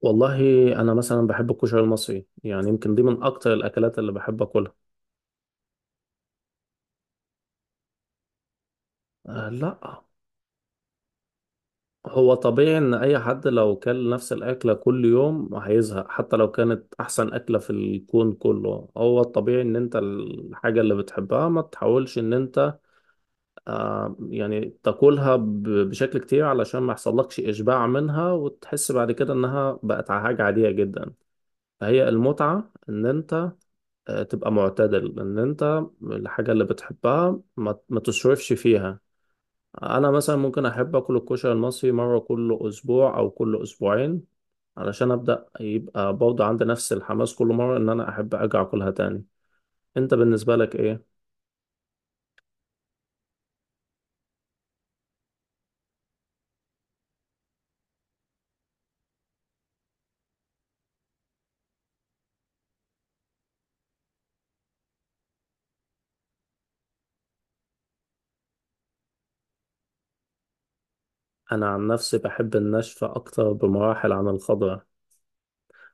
والله، انا مثلا بحب الكشري المصري. يعني يمكن دي من اكتر الاكلات اللي بحب اكلها. آه، لا. هو طبيعي ان اي حد لو كل نفس الاكله كل يوم هيزهق، حتى لو كانت احسن اكله في الكون كله. هو الطبيعي ان انت الحاجه اللي بتحبها ما تحاولش ان انت يعني تاكلها بشكل كتير، علشان ما يحصلكش اشباع منها وتحس بعد كده انها بقت حاجه عاديه جدا. فهي المتعه ان انت تبقى معتدل ان انت الحاجة اللي بتحبها ما تصرفش فيها. انا مثلا ممكن احب اكل الكشري المصري مرة كل اسبوع او كل اسبوعين، علشان ابدأ يبقى برضه عندي نفس الحماس كل مرة ان انا احب ارجع اكلها تاني. انت بالنسبة لك ايه؟ انا عن نفسي بحب الناشفة اكتر بمراحل عن الخضراء.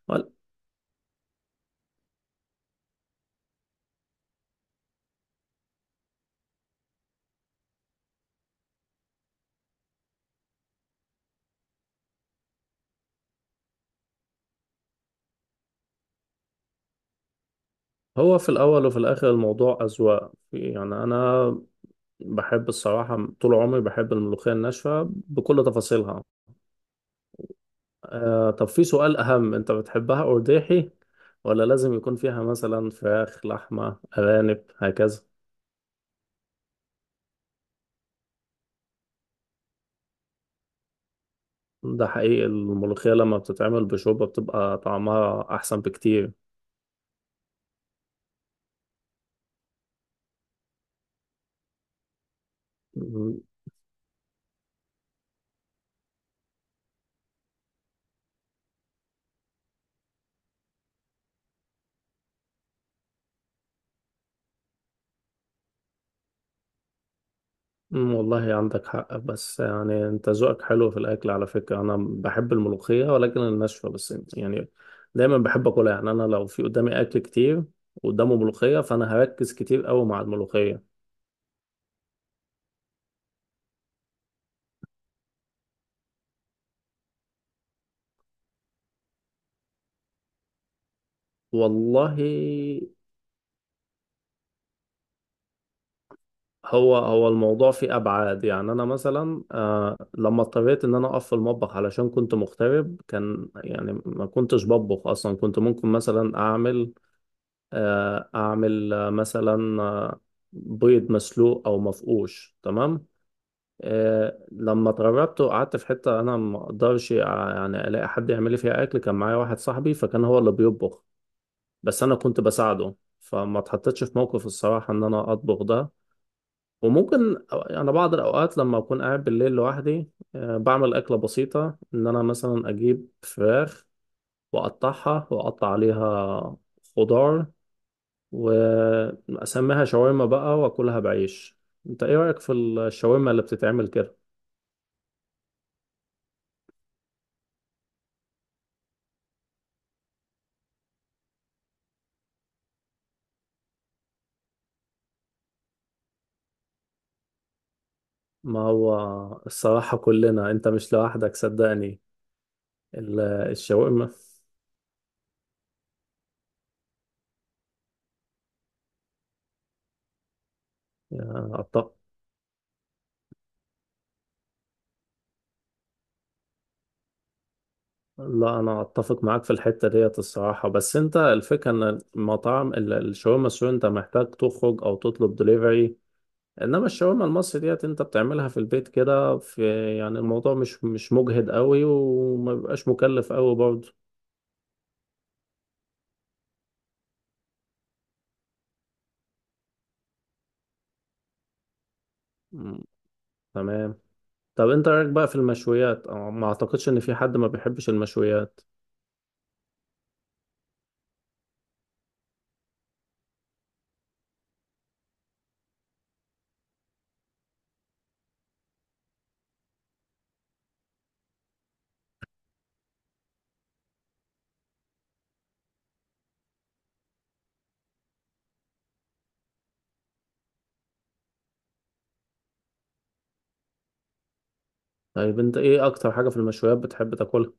وال- هو في الاول وفي الاخر الموضوع اذواق. يعني انا بحب الصراحة، طول عمري بحب الملوخية الناشفة بكل تفاصيلها. طب في سؤال أهم، أنت بتحبها أرداحي ولا لازم يكون فيها مثلا فراخ، لحمة، أرانب هكذا؟ ده حقيقي الملوخية لما بتتعمل بشوربة بتبقى طعمها أحسن بكتير. م- والله عندك حق. بس يعني أنت ذوقك حلو في الأكل. على فكرة أنا بحب الملوخية ولكن الناشفة بس. يعني دايما بحب أكلها. يعني أنا لو في قدامي أكل كتير وقدامه ملوخية، فأنا هركز كتير أوي مع الملوخية. والله، هو هو الموضوع فيه ابعاد. يعني انا مثلا لما اضطريت ان انا اقف في المطبخ، علشان كنت مغترب. كان يعني ما كنتش بطبخ اصلا. كنت ممكن مثلا اعمل مثلا بيض مسلوق او مفقوش. تمام. لما اتغربت وقعدت في حته انا ما اقدرش يعني الاقي حد يعمل لي فيها اكل. كان معايا واحد صاحبي، فكان هو اللي بيطبخ. بس انا كنت بساعده. فما اتحطيتش في موقف الصراحه ان انا اطبخ ده. وممكن أنا بعض الأوقات لما أكون قاعد بالليل لوحدي بعمل أكلة بسيطة. إن أنا مثلا أجيب فراخ وأقطعها وأقطع عليها خضار وأسميها شاورما بقى وأكلها بعيش. أنت إيه رأيك في الشاورما اللي بتتعمل كده؟ ما هو الصراحة كلنا، أنت مش لوحدك صدقني. الشاورما. يا قطع! لا، انا اتفق معاك في الحته ديت الصراحه. بس انت الفكره ان المطاعم الشاورما السوري انت محتاج تخرج او تطلب دليفري. انما الشاورما المصري ديت انت بتعملها في البيت كده في. يعني الموضوع مش مجهد قوي وما بيبقاش مكلف قوي برضه. مم، تمام. طب انت رايك بقى في المشويات؟ أو ما اعتقدش ان في حد ما بيحبش المشويات. طيب انت ايه اكتر حاجه في المشويات بتحب تاكلها؟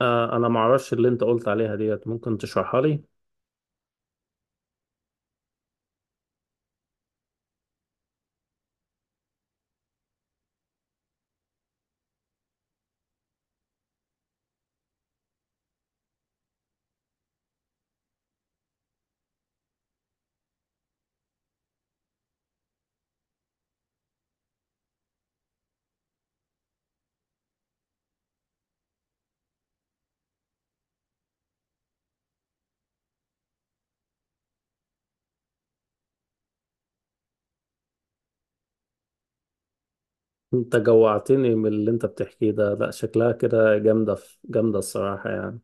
انا ما اعرفش اللي انت قلت عليها ديت، ممكن تشرحها لي؟ انت جوعتني من اللي انت بتحكيه ده. لا، شكلها كده جامدة في جامدة الصراحة يعني.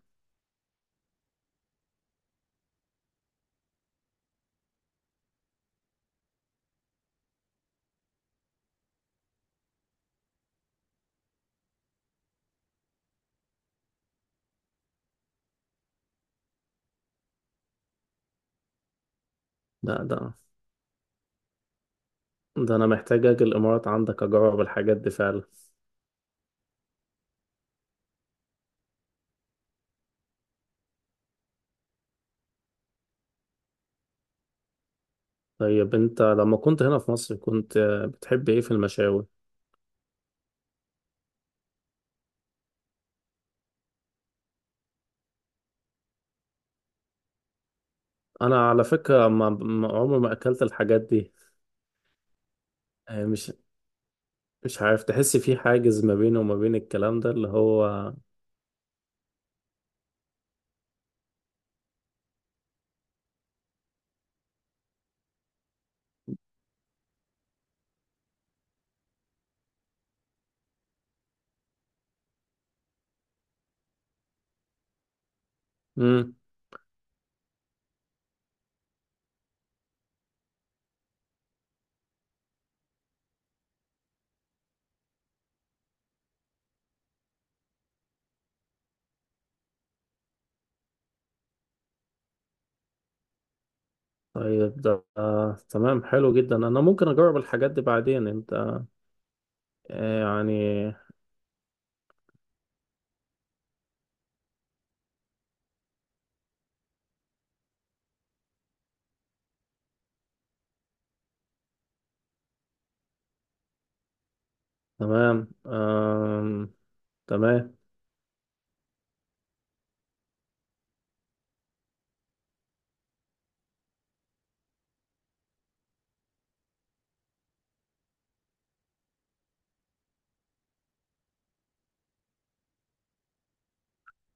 لا، ده انا محتاج اجي الامارات عندك اجرب الحاجات دي فعلا. طيب انت لما كنت هنا في مصر كنت بتحب ايه في المشاوي؟ انا على فكرة عمري ما اكلت الحاجات دي. اه، مش عارف. تحس في حاجز ما بيني وما بين الكلام ده اللي هو. امم. طيب ده تمام حلو جدا. انا ممكن اجرب الحاجات دي بعدين انت. اه، يعني تمام. تمام.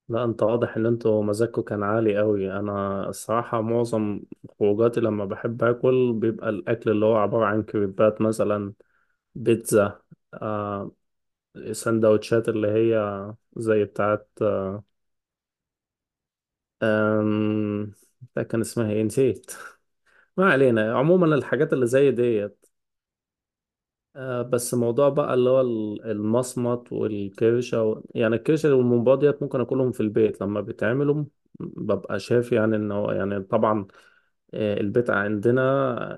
لا، انت واضح ان انتوا مزاجكوا كان عالي قوي. انا الصراحة معظم خروجاتي لما بحب اكل بيبقى الاكل اللي هو عبارة عن كريبات مثلا، بيتزا، آه سندوتشات اللي هي زي بتاعت آه آم، ده كان اسمها ايه نسيت. ما علينا. عموما الحاجات اللي زي ديت. بس موضوع بقى اللي هو المصمت والكرشة يعني الكرشة والممبار ديت ممكن أكلهم في البيت لما بيتعملوا، ببقى شايف يعني إن هو، يعني طبعا البيت عندنا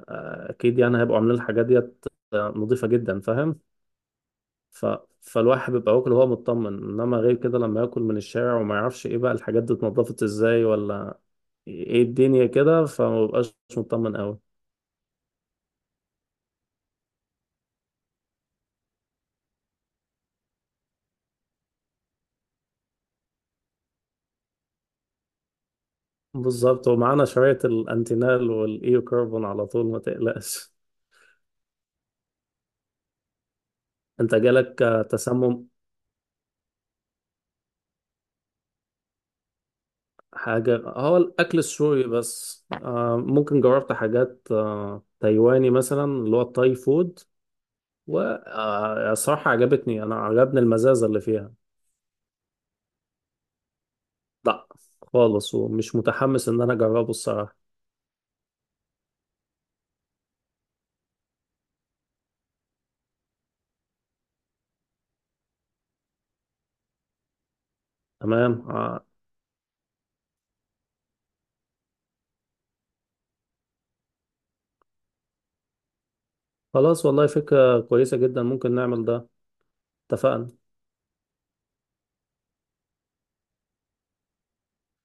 أكيد يعني هيبقوا عاملين الحاجات ديت نظيفة جدا، فاهم. ف... فالواحد بيبقى واكل وهو مطمن. إنما غير كده لما ياكل من الشارع وما يعرفش إيه بقى الحاجات دي اتنضفت إزاي ولا إيه الدنيا كده، فما بيبقاش مطمن أوي. بالظبط، ومعانا شوية الانتينال والايو كاربون على طول ما تقلقش. انت جالك تسمم حاجة؟ هو الأكل السوري بس. ممكن جربت حاجات تايواني مثلا اللي هو التاي فود. وصراحة عجبتني، أنا عجبني المزازة اللي فيها. لا خالص، ومش متحمس إن أنا أجربه الصراحة. تمام. خلاص، والله فكرة كويسة جدا، ممكن نعمل ده. اتفقنا.